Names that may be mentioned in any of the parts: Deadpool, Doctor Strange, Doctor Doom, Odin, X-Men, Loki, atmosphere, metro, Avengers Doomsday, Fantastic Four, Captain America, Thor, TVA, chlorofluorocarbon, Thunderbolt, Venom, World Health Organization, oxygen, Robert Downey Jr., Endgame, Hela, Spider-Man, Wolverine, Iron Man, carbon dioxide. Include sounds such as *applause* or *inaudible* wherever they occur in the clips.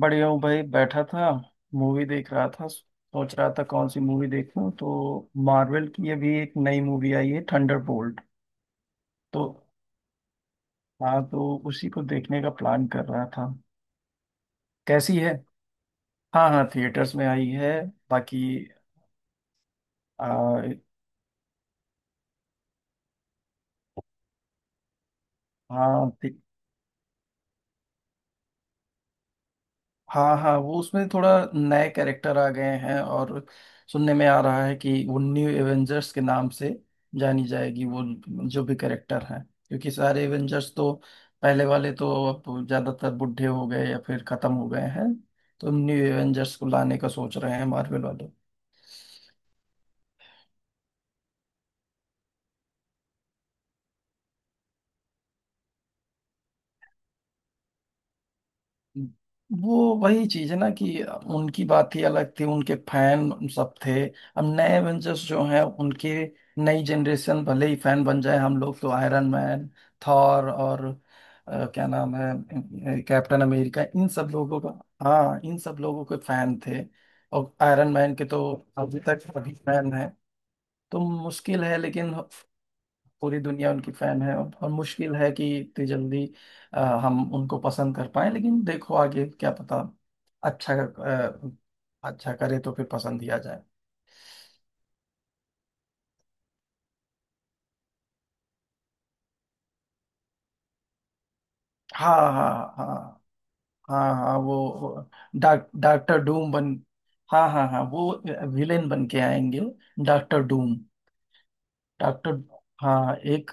बढ़िया हूँ भाई, बैठा था। मूवी देख रहा था, सोच रहा था कौन सी मूवी देखूं तो मार्वल की अभी एक नई मूवी आई है थंडरबोल्ट। तो हाँ, तो उसी को देखने का प्लान कर रहा था। कैसी है? हाँ हाँ, थिएटर्स में आई है। बाकी आ, हाँ हाँ हाँ, वो उसमें थोड़ा नए कैरेक्टर आ गए हैं और सुनने में आ रहा है कि वो न्यू एवेंजर्स के नाम से जानी जाएगी, वो जो भी कैरेक्टर हैं। क्योंकि सारे एवेंजर्स तो पहले वाले तो अब ज्यादातर बूढ़े हो गए या फिर खत्म हो गए हैं, तो न्यू एवेंजर्स को लाने का सोच रहे हैं मार्वल वाले। वो वही चीज है ना, कि उनकी बात ही अलग थी, उनके फैन सब थे। अब नए एवेंजर्स जो हैं उनके नई जनरेशन भले ही फैन बन जाए, हम लोग तो आयरन मैन, थॉर और क्या नाम है कैप्टन अमेरिका, इन सब लोगों का। हाँ, इन सब लोगों के फैन थे। और आयरन मैन के तो अभी तक, अभी फैन है। तो मुश्किल है, लेकिन पूरी दुनिया उनकी फैन है। और मुश्किल है कि इतनी जल्दी हम उनको पसंद कर पाए, लेकिन देखो आगे क्या पता। अच्छा, अच्छा करे तो फिर पसंद ही आ जाए। हाँ हाँ हाँ हाँ हाँ। वो डॉक्टर डूम बन। हाँ हाँ हाँ, वो विलेन बन के आएंगे। Doctor Doom. डॉक्टर। हाँ, एक।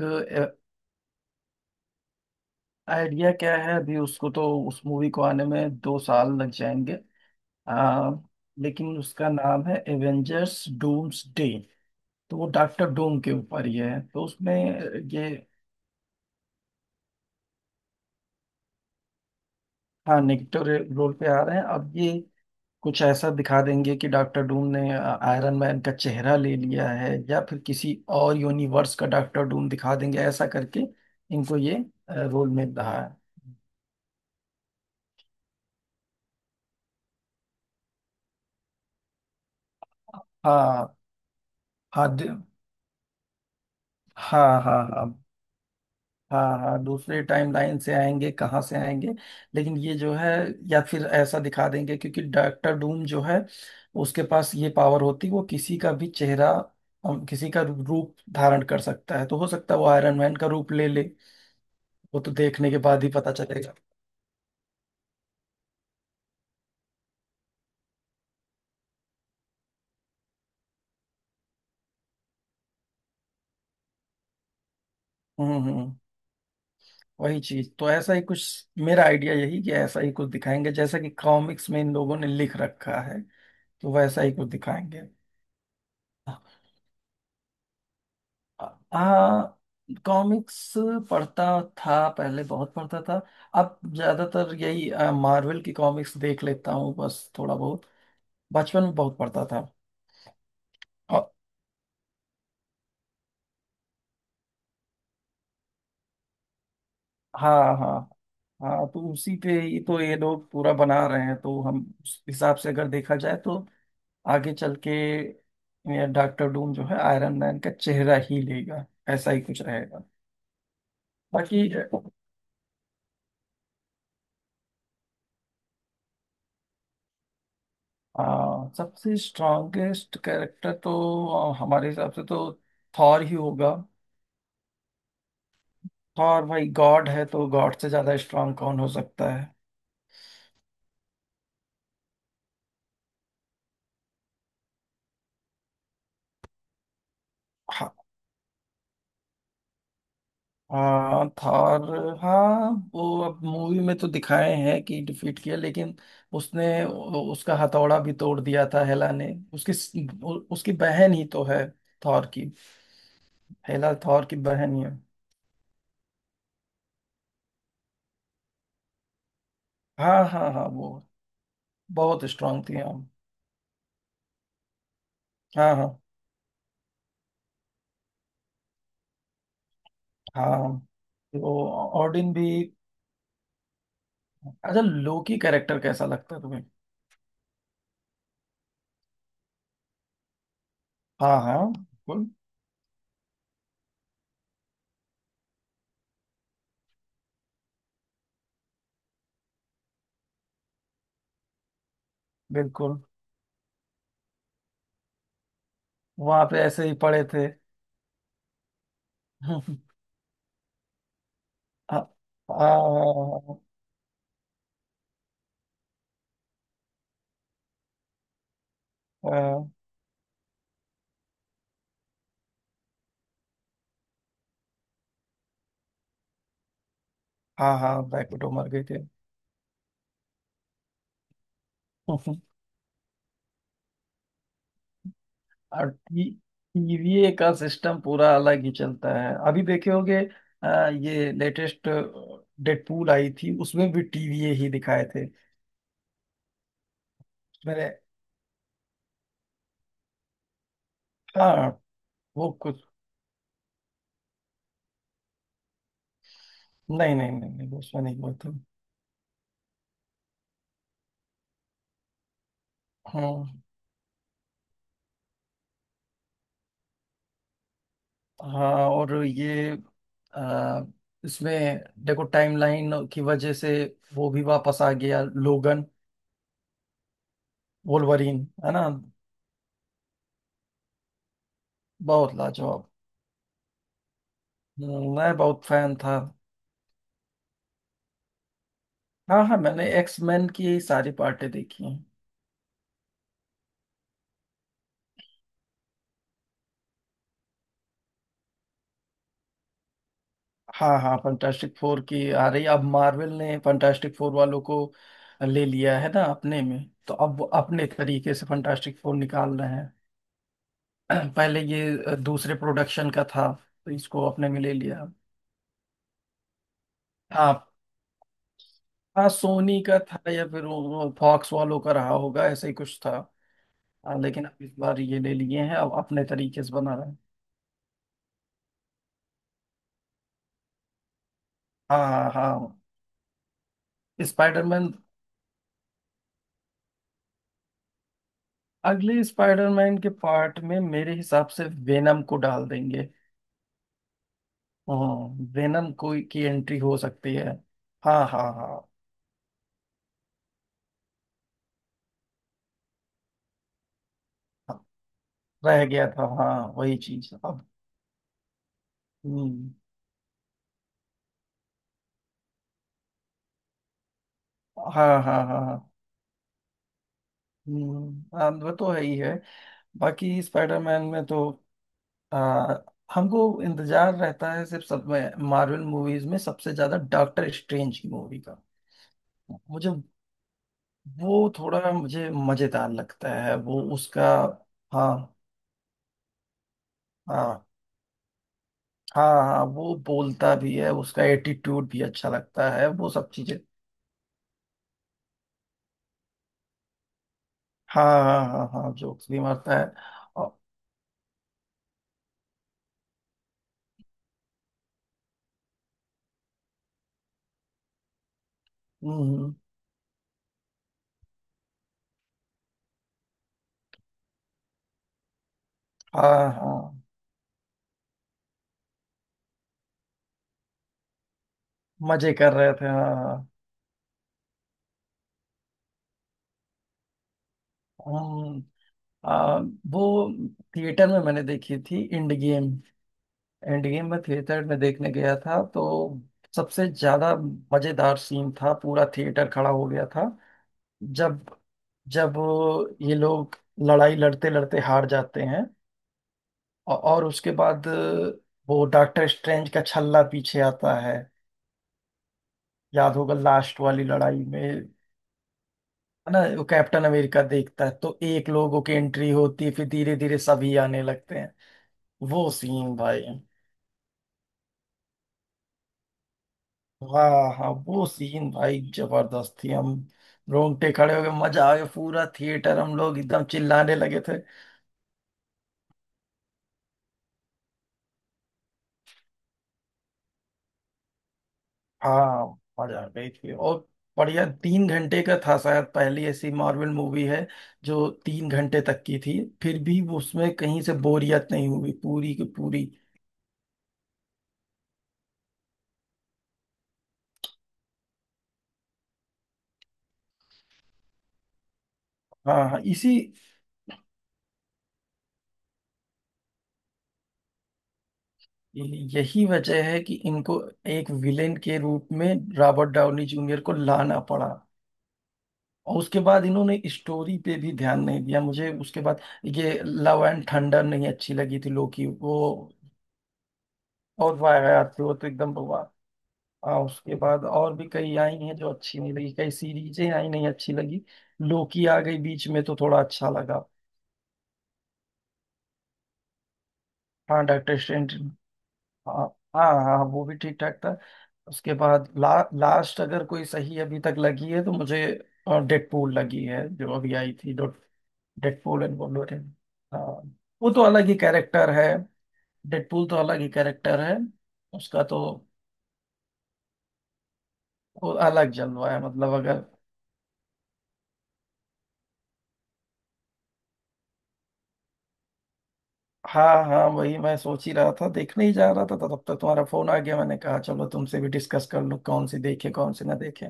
आइडिया क्या है, अभी उसको तो उस मूवी को आने में 2 साल लग जाएंगे। आ, लेकिन उसका नाम है एवेंजर्स डूम्स डे, तो वो डॉक्टर डूम के ऊपर ही है तो उसमें ये। हाँ नेगेटिव रोल पे आ रहे हैं, अब ये कुछ ऐसा दिखा देंगे कि डॉक्टर डूम ने आयरन मैन का चेहरा ले लिया है या फिर किसी और यूनिवर्स का डॉक्टर डूम दिखा देंगे। ऐसा करके इनको ये रोल मिल रहा है। हाँ हाँ हाँ हाँ हाँ। हाँ हाँ, दूसरे टाइम लाइन से आएंगे, कहाँ से आएंगे। लेकिन ये जो है, या फिर ऐसा दिखा देंगे, क्योंकि डॉक्टर डूम जो है उसके पास ये पावर होती, वो किसी का भी चेहरा किसी का रूप धारण कर सकता है, तो हो सकता है वो आयरन मैन का रूप ले ले। वो तो देखने के बाद ही पता चलेगा। हम्म, वही चीज तो, ऐसा ही कुछ मेरा आइडिया, यही कि ऐसा ही कुछ दिखाएंगे जैसा कि कॉमिक्स में इन लोगों ने लिख रखा है, तो वैसा ही कुछ दिखाएंगे। हाँ, कॉमिक्स पढ़ता था, पहले बहुत पढ़ता था। अब ज्यादातर यही मार्वल की कॉमिक्स देख लेता हूँ बस थोड़ा बहुत। बचपन में बहुत पढ़ता था। और हाँ हाँ हाँ, तो उसी पे ही तो ये लोग पूरा बना रहे हैं, तो हम उस हिसाब से अगर देखा जाए तो आगे चल के डॉक्टर डूम जो है आयरन मैन का चेहरा ही लेगा, ऐसा ही कुछ रहेगा। बाकी आ, सबसे स्ट्रॉन्गेस्ट कैरेक्टर तो हमारे हिसाब से तो थॉर ही होगा। थॉर भाई गॉड है, तो गॉड से ज्यादा स्ट्रांग कौन हो सकता है? हाँ हाँ, थॉर, हाँ वो अब मूवी में तो दिखाए हैं कि डिफीट किया, लेकिन उसने उसका हथौड़ा भी तोड़ दिया था हेला ने। उसकी उसकी बहन ही तो है थॉर की। हेला थॉर की बहन ही है। हाँ हाँ हाँ, वो बहुत स्ट्रांग थी हाँ। हाँ हाँ हाँ, तो ऑडिन भी। अच्छा, लोकी कैरेक्टर कैसा लगता है तुम्हें? हाँ हाँ बिल्कुल। बिल्कुल, वहां पे ऐसे ही पड़े थे। *laughs* आ, आ, आ, हाँ हाँ, बैकवर्ड मर गए थे। *laughs* और टीवीए का सिस्टम पूरा अलग ही चलता है, अभी देखे होगे। ये लेटेस्ट डेडपूल आई थी उसमें भी टीवीए ही दिखाए थे। मैंने, हाँ वो कुछ, नहीं नहीं नहीं, नहीं उसमें नहीं हुआ था। हाँ। हाँ, और ये आ, इसमें देखो टाइमलाइन की वजह से वो भी वापस आ गया लोगन, वोल्वरीन। है ना, बहुत लाजवाब। मैं बहुत फैन था। हाँ हाँ, मैंने एक्स मैन की सारी पार्टें देखी हैं। हाँ हाँ, फंटास्टिक फोर की आ रही, अब मार्वल ने फंटास्टिक फोर वालों को ले लिया है ना अपने में, तो अब वो अपने तरीके से फंटास्टिक फोर निकाल रहे हैं। *clears throat* पहले ये दूसरे प्रोडक्शन का था, तो इसको अपने में ले लिया। हाँ हाँ, सोनी का था या फिर फॉक्स वालों का रहा होगा, ऐसा ही कुछ था। हाँ, लेकिन अब इस बार ये ले लिए हैं, अब अपने तरीके से बना रहे हैं। हाँ हाँ। स्पाइडरमैन, अगले स्पाइडरमैन के पार्ट में मेरे हिसाब से वेनम को डाल देंगे। हम्म, वेनम को की एंट्री हो सकती है। हाँ हाँ हाँ हाँ, रह गया था हाँ वही चीज अब। हम्म। हाँ हाँ हाँ हाँ, हाँ, वो तो है ही है। बाकी स्पाइडरमैन में तो आ, हमको इंतजार रहता है सिर्फ, सब मार्वल मूवीज में सबसे ज्यादा डॉक्टर स्ट्रेंज की मूवी का। मुझे वो थोड़ा, मुझे मजेदार लगता है वो उसका। हाँ हाँ हाँ हाँ, वो बोलता भी है, उसका एटीट्यूड भी अच्छा लगता है, वो सब चीजें। हाँ हाँ हाँ हाँ, जोक्स भी मारता है। और- हम्म, हम्म, हाँ हाँ, मजे कर रहे थे हाँ हाँ। हम्म। आ, वो थिएटर में मैंने देखी थी इंड गेम। एंड गेम मैं थिएटर में देखने गया था तो सबसे ज्यादा मजेदार सीन था, पूरा थिएटर खड़ा हो गया था। जब जब ये लोग लड़ाई लड़ते लड़ते हार जाते हैं, और उसके बाद वो डॉक्टर स्ट्रेंज का छल्ला पीछे आता है। याद होगा लास्ट वाली लड़ाई में, है ना, वो कैप्टन अमेरिका देखता है तो एक लोगों की एंट्री होती है, फिर धीरे धीरे सभी आने लगते हैं। वो सीन भाई, वाह हाँ, वो सीन भाई जबरदस्त थी। हम रोंगटे खड़े हो गए, मजा आ गया, पूरा थिएटर हम लोग एकदम चिल्लाने लगे थे। हाँ, मजा आ गई थी और बढ़िया। 3 घंटे का था, शायद पहली ऐसी मार्वल मूवी है जो 3 घंटे तक की थी, फिर भी वो उसमें कहीं से बोरियत नहीं हुई पूरी की पूरी। हाँ हाँ इसी यही वजह है कि इनको एक विलेन के रूप में रॉबर्ट डाउनी जूनियर को लाना पड़ा। और उसके बाद इन्होंने स्टोरी पे भी ध्यान नहीं दिया। मुझे उसके बाद ये लव एंड थंडर नहीं अच्छी लगी थी, लोकी वो। और वाहियात थी, वो तो एकदम बवा। उसके बाद और भी कई आई हैं जो अच्छी नहीं लगी, कई सीरीजें आई नहीं अच्छी लगी। लोकी आ गई बीच में तो थोड़ा अच्छा लगा। हाँ डॉक्टर स्ट्रेंज, हाँ हाँ हाँ वो भी ठीक ठाक था। उसके बाद लास्ट अगर कोई सही अभी तक लगी है तो मुझे डेडपूल लगी है जो अभी आई थी, डेडपूल एंड वोल्वरिन। हाँ, वो तो अलग ही कैरेक्टर है, डेडपूल तो अलग ही कैरेक्टर है उसका तो। वो अलग जलवा है, मतलब अगर। हाँ हाँ, वही मैं सोच ही रहा था, देखने ही जा रहा था तो तब तक तुम्हारा फोन आ गया। मैंने कहा चलो तुमसे भी डिस्कस कर लूँ, कौन सी देखे कौन सी ना देखे।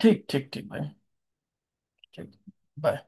ठीक ठीक ठीक भाई। ठीक। बाय।